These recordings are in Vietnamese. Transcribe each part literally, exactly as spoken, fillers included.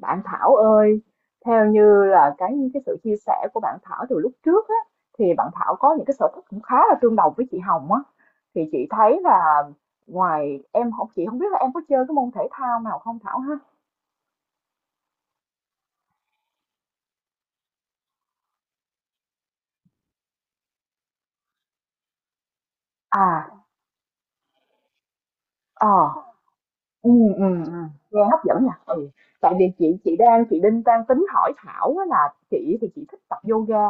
Bạn Thảo ơi, theo như là cái cái sự chia sẻ của bạn Thảo từ lúc trước á, thì bạn Thảo có những cái sở thích cũng khá là tương đồng với chị Hồng á. Thì chị thấy là ngoài em học chị không biết là em có chơi cái môn thể thao nào không, Thảo ha? À, ờ, ừ, ừ, ừ, nghe hấp dẫn nha. Ừ. Tại vì chị chị đang chị Đinh đang tính hỏi Thảo á là chị thì chị thích tập yoga,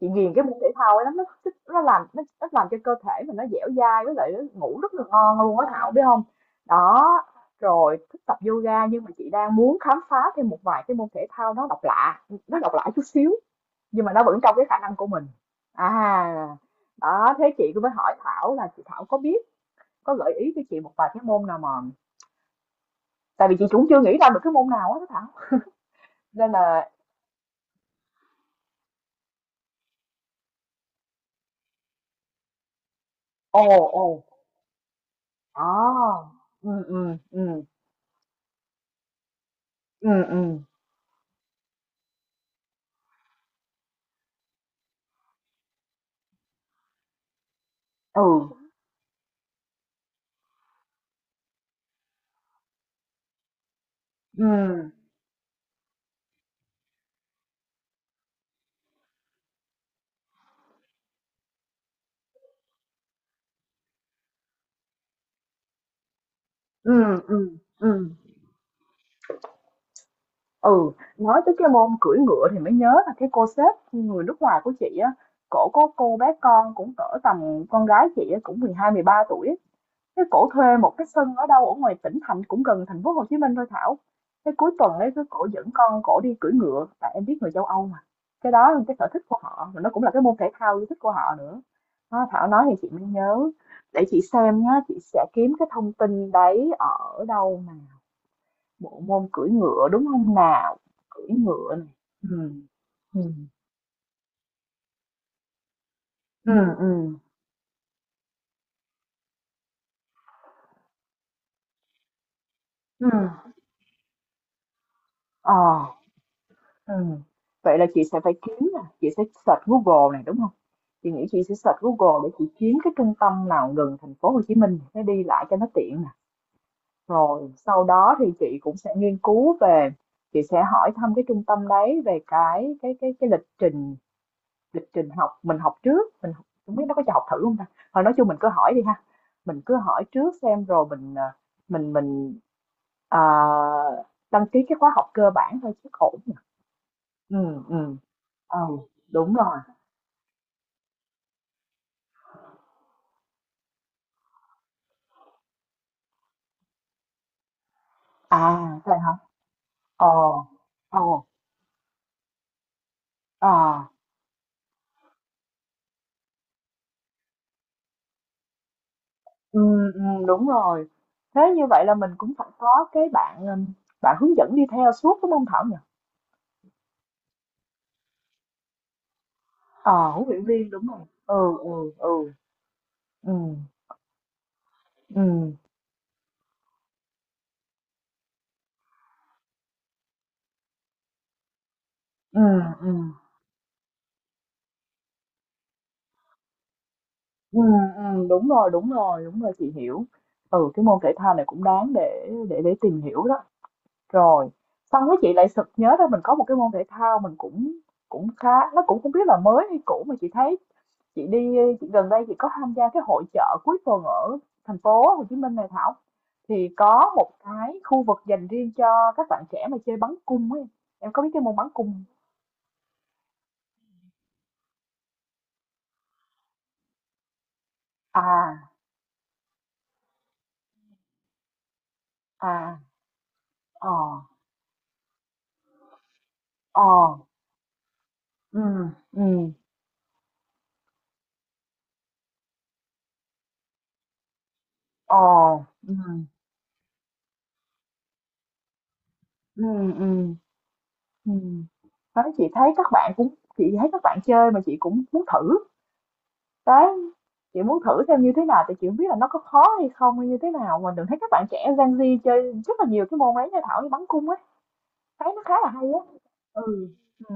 chị ghiền cái môn thể thao ấy lắm, nó thích nó làm nó, nó làm cho cơ thể mình nó dẻo dai với lại nó ngủ rất là ngon luôn á, Thảo biết không? Đó, rồi thích tập yoga nhưng mà chị đang muốn khám phá thêm một vài cái môn thể thao nó độc lạ, nó độc lạ chút xíu nhưng mà nó vẫn trong cái khả năng của mình. À, đó, thế chị cũng mới hỏi Thảo là chị Thảo có biết, có gợi ý cho chị một vài cái môn nào mà, tại vì chị cũng chưa nghĩ ra được cái môn nào á Thảo, nên là ồ, ồ, à, ừ, ừ, ừ, ừ, ừ, ừ, ừ. Ừ, ừ, ừ. Ừ, nói tới cái môn cưỡi ngựa thì mới nhớ là cái cô sếp người nước ngoài của chị á, cổ có cô bé con cũng cỡ tầm con gái chị á, cũng mười hai mười ba tuổi á. Cái cổ thuê một cái sân ở đâu ở ngoài tỉnh thành cũng gần thành phố Hồ Chí Minh thôi Thảo. Cái cuối tuần ấy cứ cổ dẫn con cổ đi cưỡi ngựa, tại em biết người châu Âu mà. Cái đó là cái sở thích của họ mà nó cũng là cái môn thể thao yêu thích của họ nữa. Đó, Thảo nói thì chị mới nhớ. Để chị xem nhá, chị sẽ kiếm cái thông tin đấy ở đâu. Bộ môn cưỡi ngựa, đúng không nào? Cưỡi ngựa này. Ừm. Ừm. Ừm, ừm. Ừm. Ờ. Ừm. Vậy là chị sẽ phải kiếm nè, chị sẽ search Google này, đúng không? Chị nghĩ chị sẽ search Google để chị kiếm cái trung tâm nào gần thành phố Hồ Chí Minh để đi lại cho nó tiện nè. Rồi sau đó thì chị cũng sẽ nghiên cứu về, chị sẽ hỏi thăm cái trung tâm đấy về cái cái cái cái lịch trình. Lịch trình học mình học trước, mình học biết nó có cho học thử hông ta? Thôi nói chung mình cứ hỏi đi ha, mình cứ hỏi trước xem rồi mình, ờ, mình mình, ờ, đăng ký cái khóa học cơ bản thôi chắc ổn nhỉ? Ừm, ừm, ừ, đúng rồi. À, vậy hả? Ồ, ồ, ờ, ừm, ừm, đúng rồi. Thế như vậy là mình cũng phải có cái bạn, ừm, bạn hướng dẫn đi theo suốt, đúng hông Thảo nhỉ? Ờ, huấn luyện viên, đúng rồi. Ừ, ừ, ừ, ừm, ừm, ừm. Ừ, ừ, đúng rồi, đúng rồi, đúng rồi, chị hiểu. Ừ, cái môn thể thao này cũng đáng để để để tìm hiểu đó. Rồi xong cái chị lại sực nhớ ra mình có một cái môn thể thao mình cũng cũng khá, nó cũng không biết là mới hay cũ, mà chị thấy chị đi chị gần đây chị có tham gia cái hội chợ cuối tuần ở thành phố Hồ Chí Minh này Thảo, thì có một cái khu vực dành riêng cho các bạn trẻ mà chơi bắn cung ấy. Em có biết cái môn bắn cung không? À, à, ờ, ờ, ừ, ừ, ờ, ừ. Ừ, ừ, ừ. Đấy, chị thấy các bạn cũng chị thấy các bạn chơi mà chị cũng muốn thử đấy, chị muốn thử xem như thế nào thì chị không biết là nó có khó hay không hay như thế nào, mà đừng thấy các bạn trẻ Gen Z chơi rất là nhiều cái môn ấy nha Thảo, như bắn cung ấy thấy nó khá là hay á. Ừ, ừ.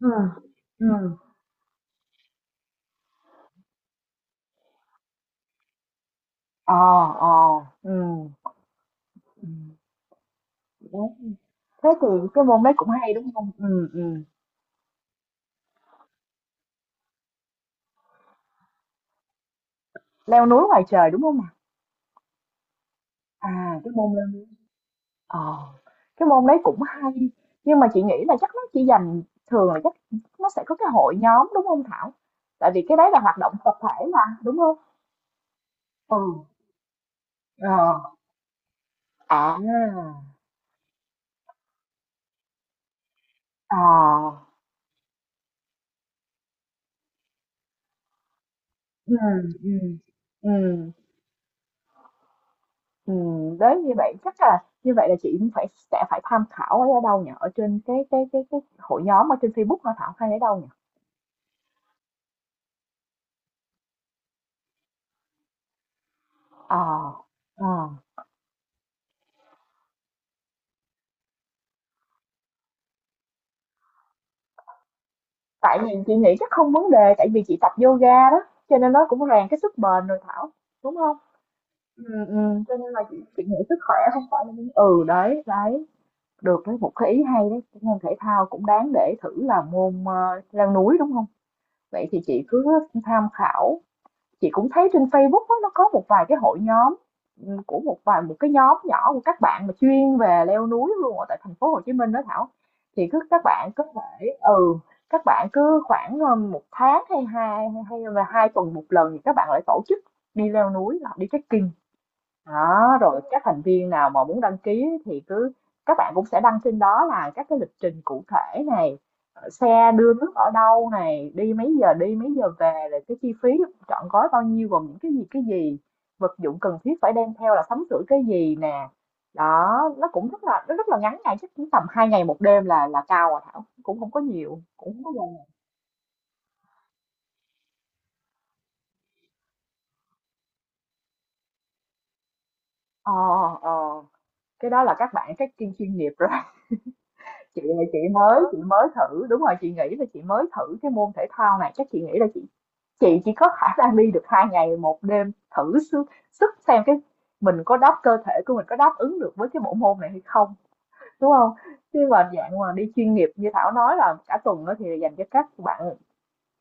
Ừ. Ừ. Ờ, ờ, ừ, ừ. Đấy. Thế thì cái môn đấy cũng hay, đúng không? Ừ, ừ. Leo núi ngoài trời, đúng không ạ? À, cái môn leo. Ờ, cái môn đấy cũng hay nhưng mà chị nghĩ là chắc nó chỉ dành thường là chắc nó sẽ có cái hội nhóm, đúng không Thảo? Tại vì cái đấy là hoạt động tập thể mà, đúng không? Ừ. Ờ. À. Ờ. Ừ. Ừ. Ừ. Ừ. Đấy, như vậy chắc là như vậy là chị cũng phải sẽ phải tham khảo ở đâu nhỉ? Ở trên cái cái cái cái hội nhóm ở trên Facebook hả Thảo, hay ở đâu nhỉ? Ờ. Ờ. Tại vì chị nghĩ chắc không vấn đề, tại vì chị tập yoga đó, cho nên nó cũng rèn cái sức bền rồi Thảo, đúng không? Ừ, ừ, cho nên là chị, chị nghĩ sức khỏe không phải là vấn-. Ừ, đấy đấy, được đấy, một cái ý hay đấy, cái môn thể thao cũng đáng để thử là môn, ờ, leo núi, đúng không? Vậy thì chị cứ tham khảo. Chị cũng thấy trên Facebook á, nó có một vài cái hội nhóm, ừ, của một vài một cái nhóm nhỏ của các bạn mà chuyên về leo núi luôn ở tại thành phố Hồ Chí Minh đó Thảo. Thì cứ các bạn có thể, ừ, các bạn cứ khoảng, ờ, một tháng hay hai hay là hai tuần một lần thì các bạn lại tổ chức đi leo núi hoặc đi trekking. Đó, rồi các thành viên nào mà muốn đăng ký thì cứ các bạn cũng sẽ đăng trên đó là các cái lịch trình cụ thể này, ờ, xe đưa nước ở đâu này, đi mấy giờ đi mấy giờ về, rồi cái chi phí trọn gói bao nhiêu, gồm những cái gì cái gì, vật dụng cần thiết phải đem theo là sắm sửa cái gì nè. Đó, nó cũng rất là nó rất là ngắn ngày chắc cũng tầm hai ngày một đêm là là cao rồi Thảo, cũng không có nhiều, cũng không có gần. Ờ, ờ, cái đó là các bạn các chuyên chuyên nghiệp rồi. Chị là chị mới chị mới thử, đúng rồi, chị nghĩ là chị mới thử cái môn thể thao này, chắc chị nghĩ là chị chị chỉ có khả năng đi được hai ngày một đêm thử sức, sức xem cái mình có đáp cơ thể của mình có đáp ứng được với cái bộ môn này hay không, đúng không? Chứ mà dạng mà đi chuyên nghiệp như Thảo nói là cả tuần đó thì dành cho các bạn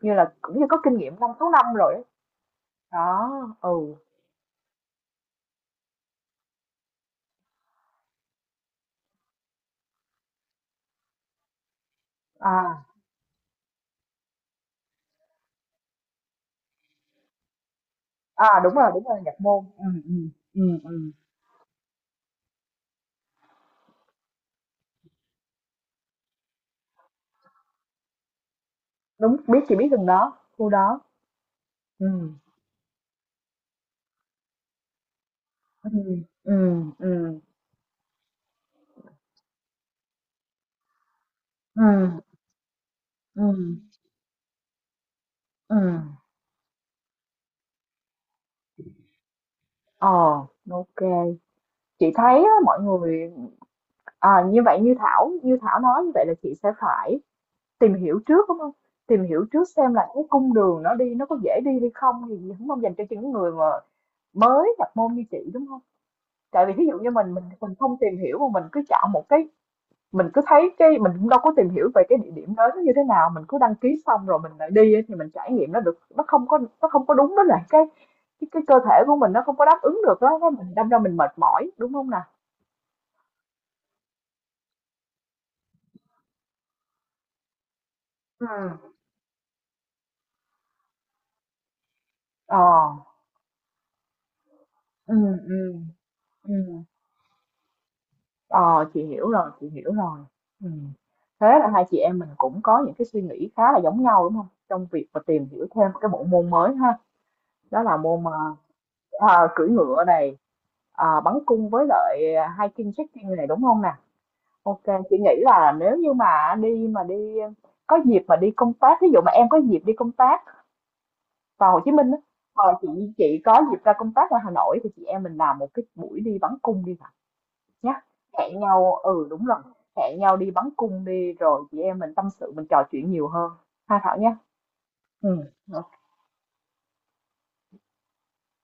như là cũng như có kinh nghiệm năm sáu năm rồi ấy. Đó. Ừ. À, à, đúng rồi, đúng rồi nhập môn. Ừ, ừ, ừ, ừ. Đúng biết chị biết từng đó khu đó. Ừ, ừ, ừ. Ừ. Ừ, ừ, ừ. Ờ, ok. Chị thấy á, mọi người. À, như vậy như Thảo, như Thảo nói như vậy là chị sẽ phải tìm hiểu trước, đúng không? Tìm hiểu trước xem là cái cung đường nó đi nó có dễ đi hay không thì đúng không, dành cho những người mà mới nhập môn như chị, đúng không? Tại vì thí dụ như mình mình mình không tìm hiểu mà mình cứ chọn một cái, mình cứ thấy cái, mình cũng đâu có tìm hiểu về cái địa điểm đó nó như thế nào, mình cứ đăng ký xong rồi mình lại đi á, thì mình trải nghiệm nó được, nó không có, nó không có đúng với lại cái cái, cái cơ thể của mình nó không có đáp ứng được đó, cái mình đâm ra mình mệt mỏi, đúng không nè? Ừ. Ờ, ừ, ừ, ừ, ờ, chị hiểu rồi, chị hiểu rồi. Ừ. Thế là hai chị em mình cũng có những cái suy nghĩ khá là giống nhau, đúng không, trong việc mà tìm hiểu thêm cái bộ môn mới ha? Đó là môn mà, à, cưỡi ngựa này, à, bắn cung với lại hiking trekking này, đúng không nè? Ok, chị nghĩ là nếu như mà đi mà đi có dịp mà đi công tác, ví dụ mà em có dịp đi công tác vào Hồ Chí Minh á, hoặc chị chị có dịp ra công tác ở Hà Nội thì chị em mình làm một cái buổi đi bắn cung đi nào nhá. Hẹn nhau, ừ đúng rồi, hẹn nhau đi bắn cung đi rồi chị em mình tâm sự, mình trò chuyện nhiều hơn. Ha Thảo nhé. Ừ. Ok.